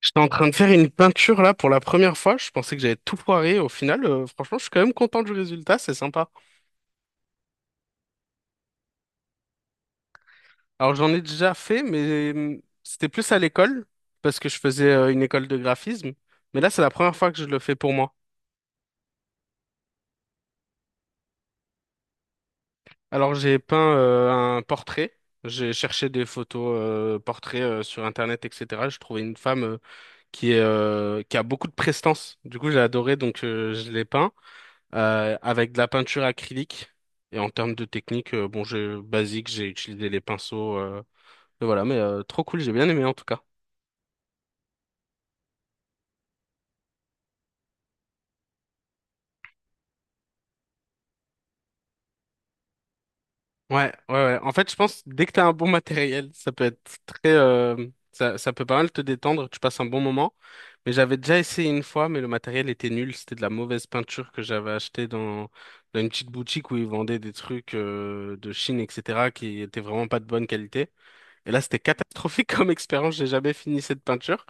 J'étais en train de faire une peinture là pour la première fois. Je pensais que j'avais tout foiré. Au final, franchement, je suis quand même content du résultat. C'est sympa. Alors, j'en ai déjà fait, mais c'était plus à l'école parce que je faisais une école de graphisme. Mais là, c'est la première fois que je le fais pour moi. Alors, j'ai peint un portrait. J'ai cherché des photos portraits sur Internet, etc. Je trouvais une femme qui est, qui a beaucoup de prestance. Du coup, j'ai adoré, donc je l'ai peint, avec de la peinture acrylique. Et en termes de technique, bon, j'ai basique, j'ai utilisé les pinceaux, et voilà, mais trop cool, j'ai bien aimé en tout cas. Ouais, ouais, ouais. En fait, je pense dès que t'as un bon matériel, ça peut être très, ça peut pas mal te détendre. Tu passes un bon moment. Mais j'avais déjà essayé une fois, mais le matériel était nul. C'était de la mauvaise peinture que j'avais achetée dans une petite boutique où ils vendaient des trucs de Chine, etc., qui étaient vraiment pas de bonne qualité. Et là, c'était catastrophique comme expérience. J'ai jamais fini cette peinture.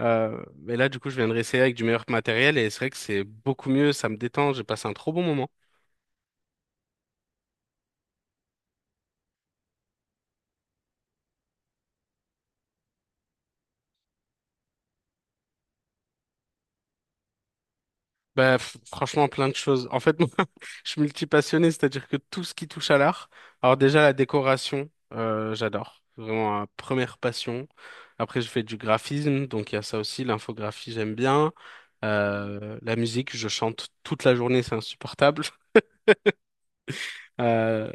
Mais là, du coup, je viens de réessayer avec du meilleur matériel et c'est vrai que c'est beaucoup mieux. Ça me détend. J'ai passé un trop bon moment. Bah, franchement, plein de choses. En fait, moi, je suis multipassionné, c'est-à-dire que tout ce qui touche à l'art. Alors déjà, la décoration, j'adore. Vraiment, ma première passion. Après, je fais du graphisme, donc il y a ça aussi. L'infographie, j'aime bien. La musique, je chante toute la journée, c'est insupportable. Euh,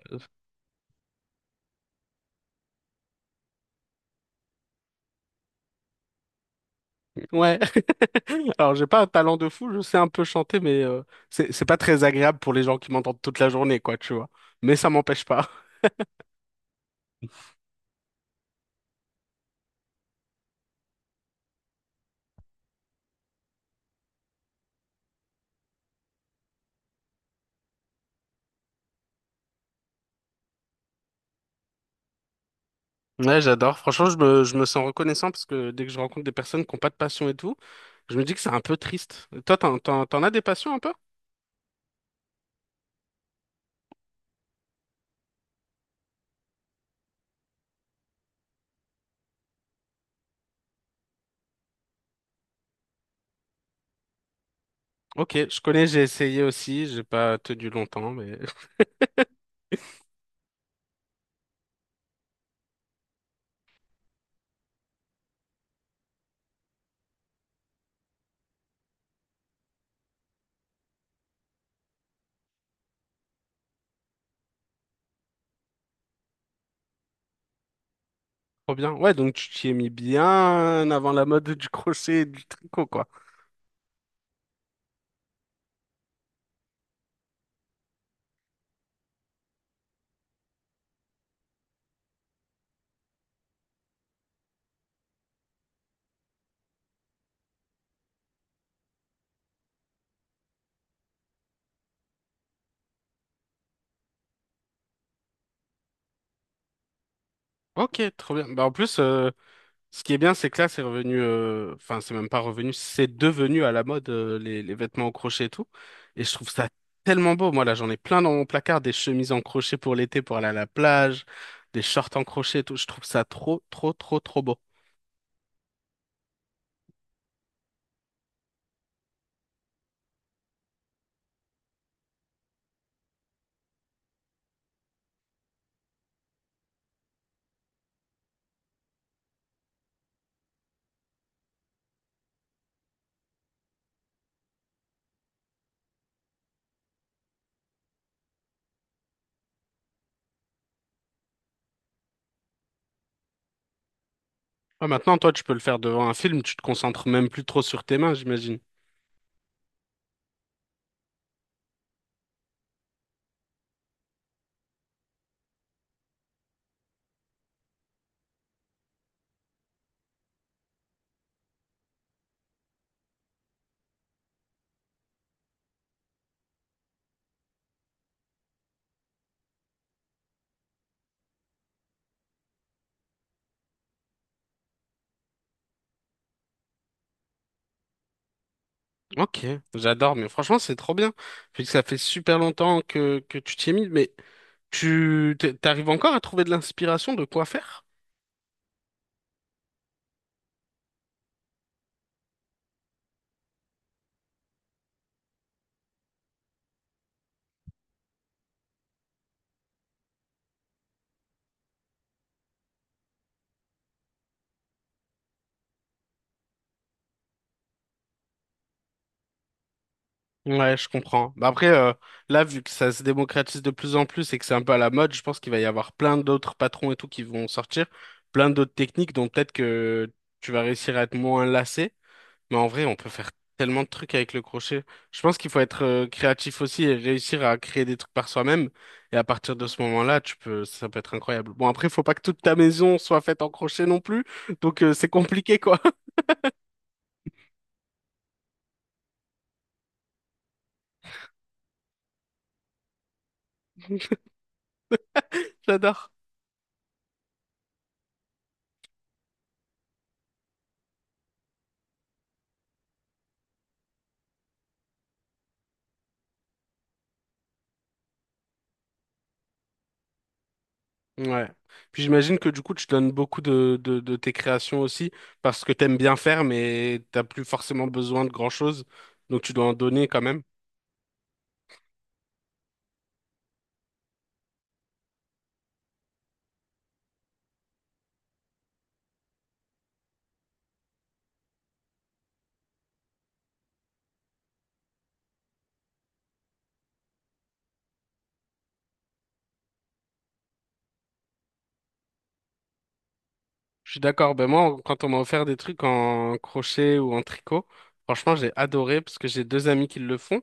Ouais. Alors, j'ai pas un talent de fou, je sais un peu chanter, mais c'est pas très agréable pour les gens qui m'entendent toute la journée, quoi, tu vois. Mais ça m'empêche pas. Ouais, j'adore. Franchement, je me sens reconnaissant parce que dès que je rencontre des personnes qui n'ont pas de passion et tout, je me dis que c'est un peu triste. Toi, t'en as des passions un peu? Ok, je connais, j'ai essayé aussi, j'ai pas tenu longtemps, mais trop bien. Ouais, donc tu t'y es mis bien avant la mode du crochet et du tricot, quoi. Ok, trop bien. Bah, en plus, ce qui est bien, c'est que là, c'est revenu, enfin, c'est même pas revenu, c'est devenu à la mode, les vêtements en crochet et tout. Et je trouve ça tellement beau. Moi, là, j'en ai plein dans mon placard, des chemises en crochet pour l'été, pour aller à la plage, des shorts en crochet et tout. Je trouve ça trop, trop, trop, trop beau. Ouais, maintenant, toi, tu peux le faire devant un film, tu te concentres même plus trop sur tes mains, j'imagine. Ok, j'adore, mais franchement, c'est trop bien. Puis que ça fait super longtemps que tu t'y es mis, mais t'arrives encore à trouver de l'inspiration de quoi faire? Ouais, je comprends. Bah après, là, vu que ça se démocratise de plus en plus et que c'est un peu à la mode, je pense qu'il va y avoir plein d'autres patrons et tout qui vont sortir, plein d'autres techniques dont peut-être que tu vas réussir à être moins lassé. Mais en vrai, on peut faire tellement de trucs avec le crochet. Je pense qu'il faut être créatif aussi et réussir à créer des trucs par soi-même. Et à partir de ce moment-là, tu peux, ça peut être incroyable. Bon, après, il faut pas que toute ta maison soit faite en crochet non plus, donc c'est compliqué, quoi. J'adore. Ouais. Puis j'imagine que du coup, tu donnes beaucoup de tes créations aussi parce que t'aimes bien faire, mais t'as plus forcément besoin de grand-chose. Donc tu dois en donner quand même. Je suis d'accord. Ben moi, quand on m'a offert des trucs en crochet ou en tricot, franchement, j'ai adoré parce que j'ai deux amis qui le font.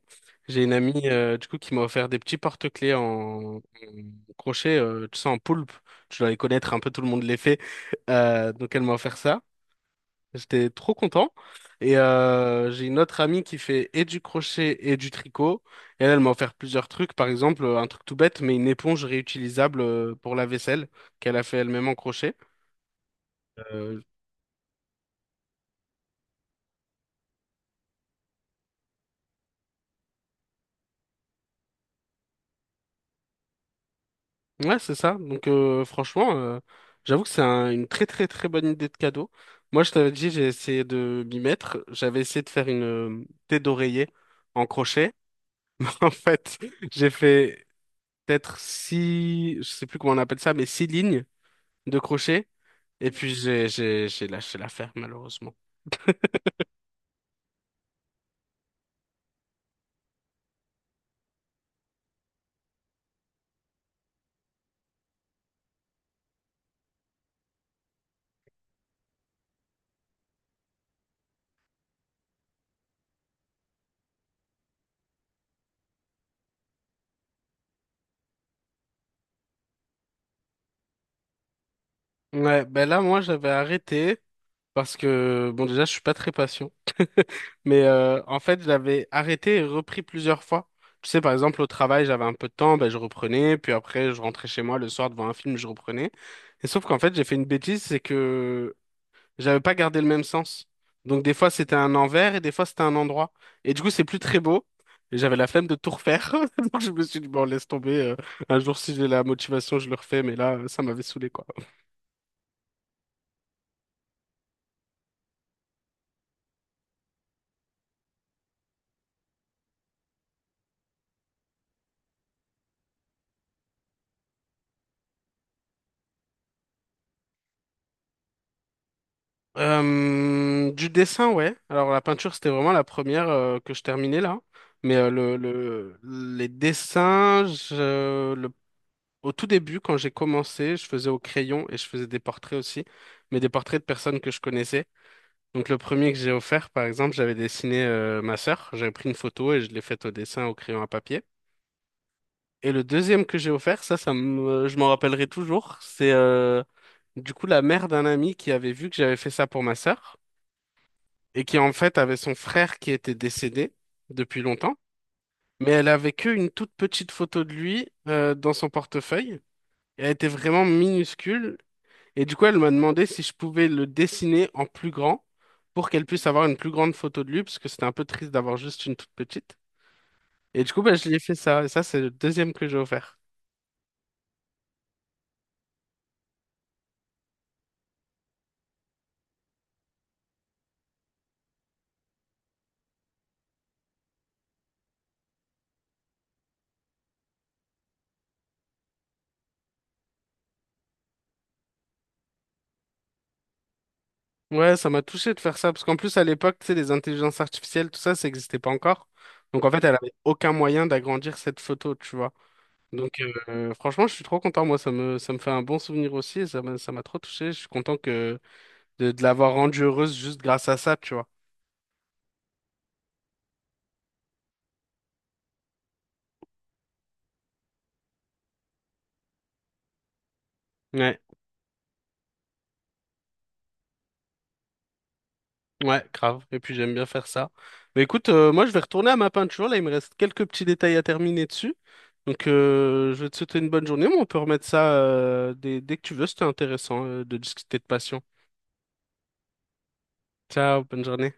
J'ai une amie du coup qui m'a offert des petits porte-clés en crochet, tu sais, en poulpe. Tu dois les connaître, un peu tout le monde les fait. Donc elle m'a offert ça. J'étais trop content. Et j'ai une autre amie qui fait et du crochet et du tricot. Et elle, elle m'a offert plusieurs trucs. Par exemple, un truc tout bête, mais une éponge réutilisable pour la vaisselle qu'elle a fait elle-même en crochet. Euh, ouais, c'est ça. Donc franchement, j'avoue que une très très très bonne idée de cadeau. Moi, je t'avais dit, j'ai essayé de m'y mettre. J'avais essayé de faire une tête d'oreiller en crochet. En fait, j'ai fait peut-être six, je sais plus comment on appelle ça, mais six lignes de crochet. Et puis j'ai lâché l'affaire malheureusement. Ouais, ben là moi j'avais arrêté parce que bon déjà je suis pas très patient, mais en fait j'avais arrêté et repris plusieurs fois. Tu sais par exemple au travail j'avais un peu de temps, ben je reprenais, puis après je rentrais chez moi le soir devant un film je reprenais. Et sauf qu'en fait j'ai fait une bêtise, c'est que j'avais pas gardé le même sens. Donc des fois c'était un envers et des fois c'était un endroit. Et du coup c'est plus très beau. Et j'avais la flemme de tout refaire. Donc je me suis dit, bon, laisse tomber. Un jour si j'ai la motivation, je le refais. Mais là, ça m'avait saoulé, quoi. Du dessin, ouais. Alors la peinture, c'était vraiment la première que je terminais là. Mais les dessins, au tout début, quand j'ai commencé, je faisais au crayon et je faisais des portraits aussi, mais des portraits de personnes que je connaissais. Donc le premier que j'ai offert, par exemple, j'avais dessiné ma sœur, j'avais pris une photo et je l'ai faite au dessin au crayon à papier. Et le deuxième que j'ai offert, je m'en rappellerai toujours, c'est du coup la mère d'un ami qui avait vu que j'avais fait ça pour ma sœur et qui en fait avait son frère qui était décédé depuis longtemps, mais elle avait que une toute petite photo de lui dans son portefeuille. Et elle était vraiment minuscule. Et du coup, elle m'a demandé si je pouvais le dessiner en plus grand pour qu'elle puisse avoir une plus grande photo de lui, parce que c'était un peu triste d'avoir juste une toute petite. Et du coup, bah, je lui ai fait ça. Et ça, c'est le deuxième que j'ai offert. Ouais, ça m'a touché de faire ça, parce qu'en plus, à l'époque, tu sais, les intelligences artificielles, tout ça, ça n'existait pas encore. Donc, en fait, elle avait aucun moyen d'agrandir cette photo, tu vois. Donc, franchement, je suis trop content. Moi, ça me fait un bon souvenir aussi, et ça m'a trop touché. Je suis content que de l'avoir rendue heureuse juste grâce à ça, tu vois. Ouais. Ouais, grave. Et puis j'aime bien faire ça. Mais écoute, moi je vais retourner à ma peinture. Là, il me reste quelques petits détails à terminer dessus. Donc je vais te souhaiter une bonne journée, mais on peut remettre ça dès que tu veux. C'était intéressant de discuter de passion. Ciao, bonne journée.